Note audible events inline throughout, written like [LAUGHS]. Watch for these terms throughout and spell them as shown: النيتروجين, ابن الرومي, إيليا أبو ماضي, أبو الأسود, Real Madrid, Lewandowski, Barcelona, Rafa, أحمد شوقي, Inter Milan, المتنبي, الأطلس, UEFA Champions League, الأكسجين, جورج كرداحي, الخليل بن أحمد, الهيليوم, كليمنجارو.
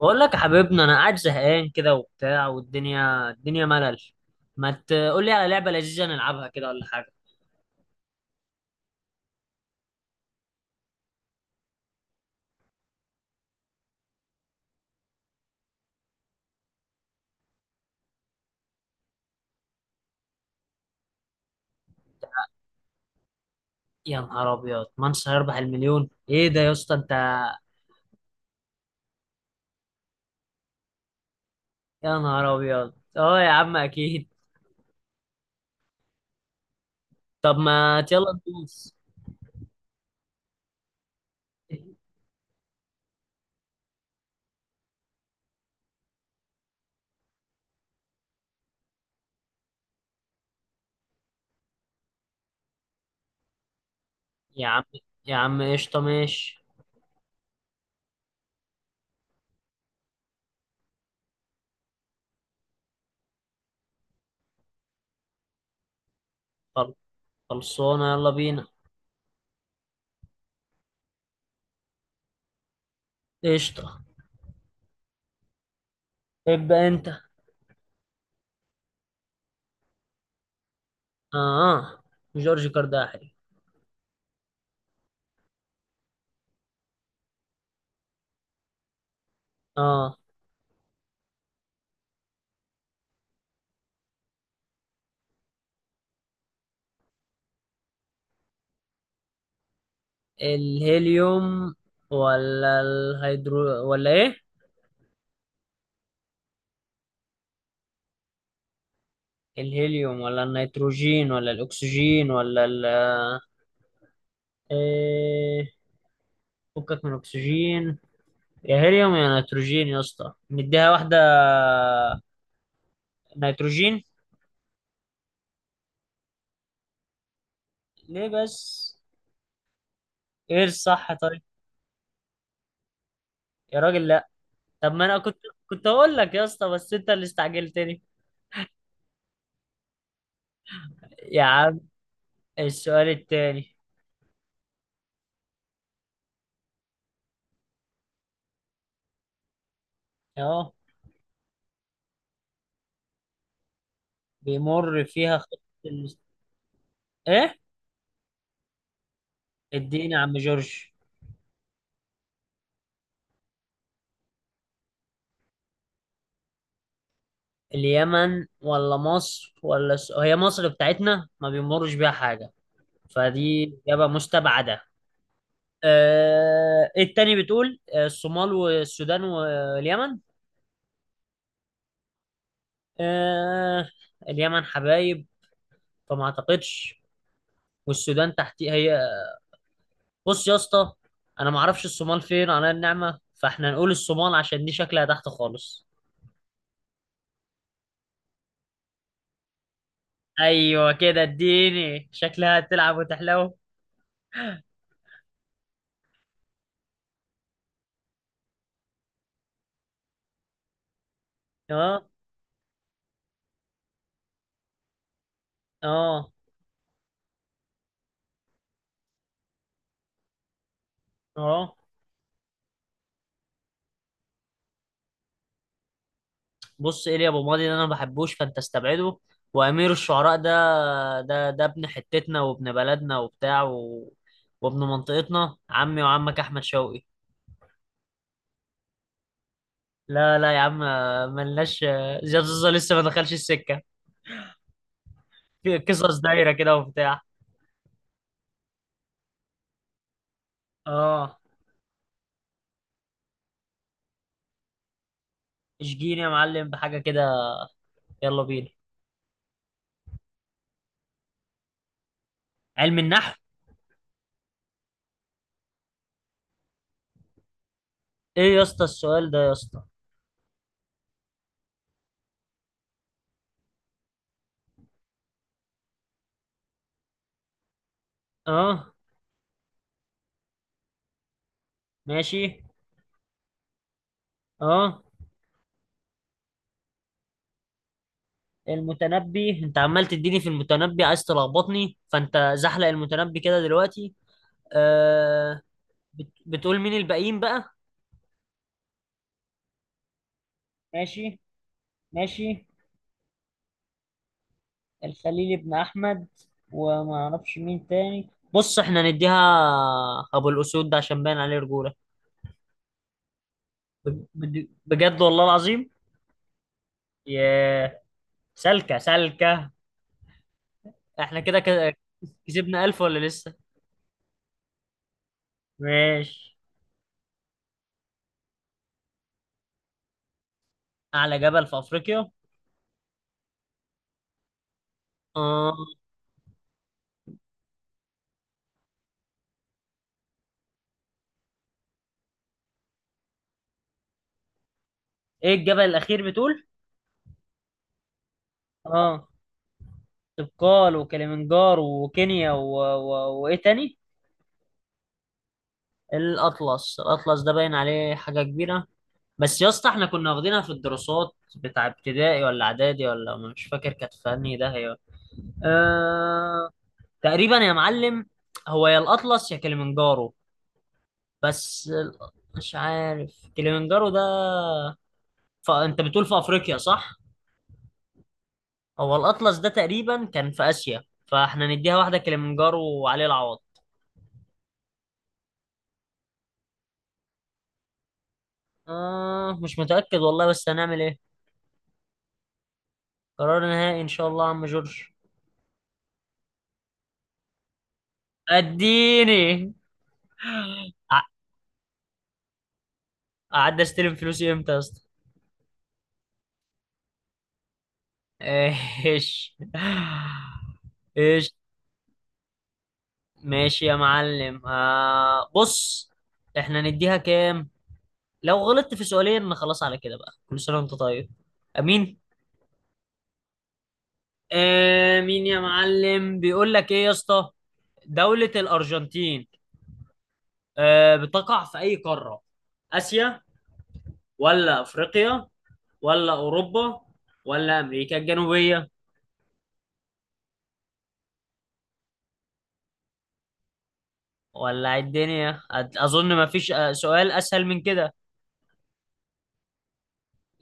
بقول لك يا حبيبنا، انا قاعد زهقان كده وبتاع، والدنيا الدنيا ملل. ما تقول لي على لعبه لذيذه نلعبها كده ولا حاجه. يا نهار ابيض، مانس هيربح المليون؟ ايه ده يا اسطى انت. يا نهار ابيض، اه يا عم اكيد. طب ما يلا ندوس. يا عم، يا عم قشطه ماشي. خل- خلصانه يلا بينا. قشطه. ابدا انت. اه. جورج كرداحي. اه. الهيليوم ولا الهيدرو ولا ايه. الهيليوم ولا النيتروجين ولا الأكسجين ولا ال... إيه. فكك من أكسجين، يا هيليوم يا نيتروجين. يا اسطى نديها واحدة. نيتروجين. ليه بس؟ ايه الصح طيب؟ يا راجل لا. طب ما انا كنت، كنت هقول لك يا اسطى بس انت اللي استعجلتني. يا عم. السؤال التاني. اهو. بيمر فيها خط ال... ايه. اديني يا عم جورج. اليمن ولا مصر ولا هي مصر بتاعتنا ما بيمرش بيها حاجة، فدي إجابة مستبعدة. آه. إيه التاني بتقول؟ آه، الصومال والسودان واليمن. آه. اليمن حبايب. فما اعتقدش. والسودان تحتي هي. بص يا اسطى، انا ما اعرفش الصومال فين على النعمة، فاحنا نقول الصومال عشان دي شكلها تحت خالص. ايوه كده اديني، شكلها هتلعب وتحلو. اه. اه. اه. بص، ايليا ابو ماضي ده انا ما بحبوش، فانت استبعده. وامير الشعراء ده، ابن حتتنا وابن بلدنا وبتاع وابن منطقتنا، عمي وعمك احمد شوقي. لا لا يا عم، ملناش. زياد زوزة لسه ما دخلش السكه، في قصص دايره كده وبتاع. اه. اشجيني يا معلم بحاجه كده، يلا بينا. علم النحو. ايه يا اسطى السؤال ده يا اسطى. اه. ماشي. اه. المتنبي؟ انت عمال تديني في المتنبي، عايز تلخبطني. فانت زحلق المتنبي كده دلوقتي. آه. بتقول مين الباقيين بقى؟ ماشي. ماشي. الخليل بن احمد، وما اعرفش مين تاني. بص احنا نديها ابو الاسود ده، عشان باين عليه رجوله. بجد والله العظيم. ياه، سلكه سلكه. احنا كده كسبنا 1000 ولا لسه؟ ماشي. اعلى جبل في افريقيا. اه. ايه الجبل الاخير بتقول؟ اه. طبقال وكليمنجارو وكينيا وايه تاني؟ الاطلس. الاطلس ده باين عليه حاجه كبيره. بس يا اسطى احنا كنا واخدينها في الدراسات بتاع ابتدائي ولا اعدادي، ولا مش فاكر كانت في انهي ده هي. أه... تقريبا يا معلم. هو يا الاطلس يا كليمنجارو. بس مش عارف كليمنجارو ده. فانت بتقول في افريقيا صح؟ هو الاطلس ده تقريبا كان في اسيا، فاحنا نديها واحده كليمنجارو وعليه العوض. آه مش متاكد والله، بس هنعمل ايه. قرار نهائي ان شاء الله يا عم جورج. اديني. ع- قعدت استلم فلوسي امتى يا اسطى؟ ايش؟ ايش؟ ماشي يا معلم. آه بص، احنا نديها كام؟ لو غلطت في سؤالين خلاص على كده بقى، كل سنه وانت طيب. امين. امين يا معلم. بيقول لك ايه يا اسطى؟ دولة الارجنتين، آه، بتقع في اي قارة؟ اسيا ولا افريقيا ولا اوروبا ولا امريكا الجنوبية؟ ولع الدنيا. اظن ما فيش آه، سؤال اسهل من كده.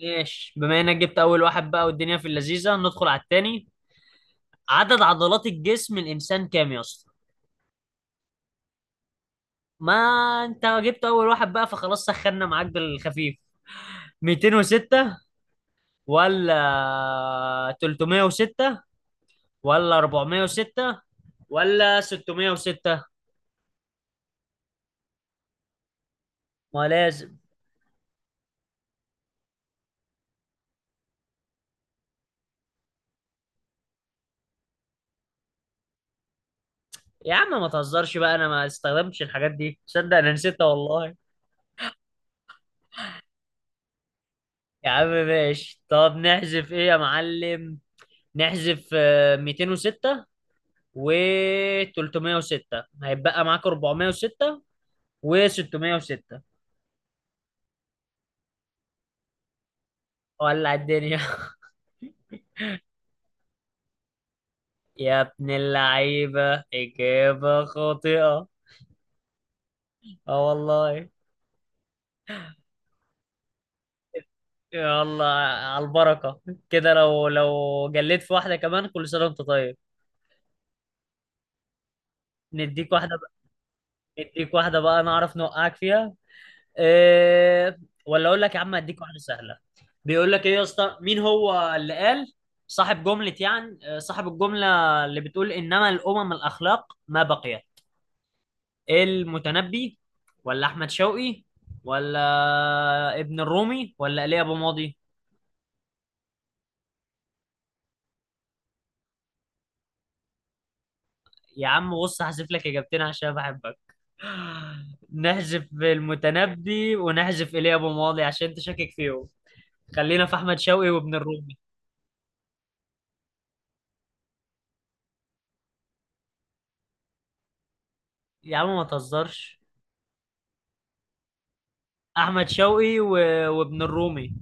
ماشي. بما انك جبت اول واحد بقى والدنيا في اللذيذه، ندخل على التاني. عدد عضلات الجسم الانسان كام يا اسطى؟ ما انت جبت اول واحد بقى، فخلاص سخنا معاك بالخفيف. 206 ولا 306 ولا 406 ولا 606؟ ما لازم. يا عم ما تهزرش بقى، انا ما استخدمتش الحاجات دي. تصدق انا نسيتها والله. يا عم ماشي، طب نحذف ايه يا معلم؟ نحذف آه، 206 و 306، هيتبقى معاك 406 و 606. ولع الدنيا. [LAUGHS] يا ابن اللعيبة، إجابة خاطئة. اه والله. يلا على البركة. كده لو جليت في واحدة كمان، كل سنة وانت طيب. نديك واحدة بقى. نديك واحدة بقى نعرف نوقعك فيها. إيه؟ ولا اقول لك يا عم اديك واحده سهله. بيقول لك ايه يا اسطى، مين هو اللي قال صاحب جمله، يعني آه، صاحب الجمله اللي بتقول انما الامم الاخلاق ما بقيت؟ المتنبي ولا احمد شوقي ولا ابن الرومي ولا ايليا ابو ماضي؟ يا عم بص، هحذف لك اجابتين عشان بحبك. [LAUGHS] نحذف المتنبي ونحذف ايليا ابو ماضي عشان انت شاكك فيهم. خلينا في احمد شوقي وابن الرومي. يا عم ما تهزرش. احمد شوقي وابن الرومي.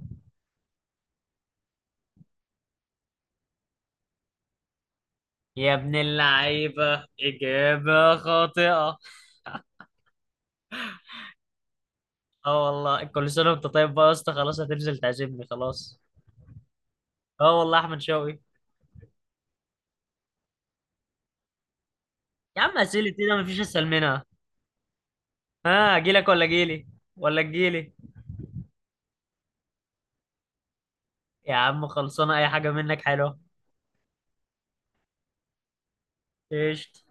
يا ابن اللعيبه، اجابه خاطئه. اه والله، كل سنه وانت طيب بقى يا اسطى. خلاص هتنزل تعزمني خلاص. اه والله احمد شوقي. يا عم اسئله ايه ده، مفيش اسهل منها. ها، اجيلك ولا اجيلي؟ يا عم خلصانه، اي حاجه منك حلوه. ايش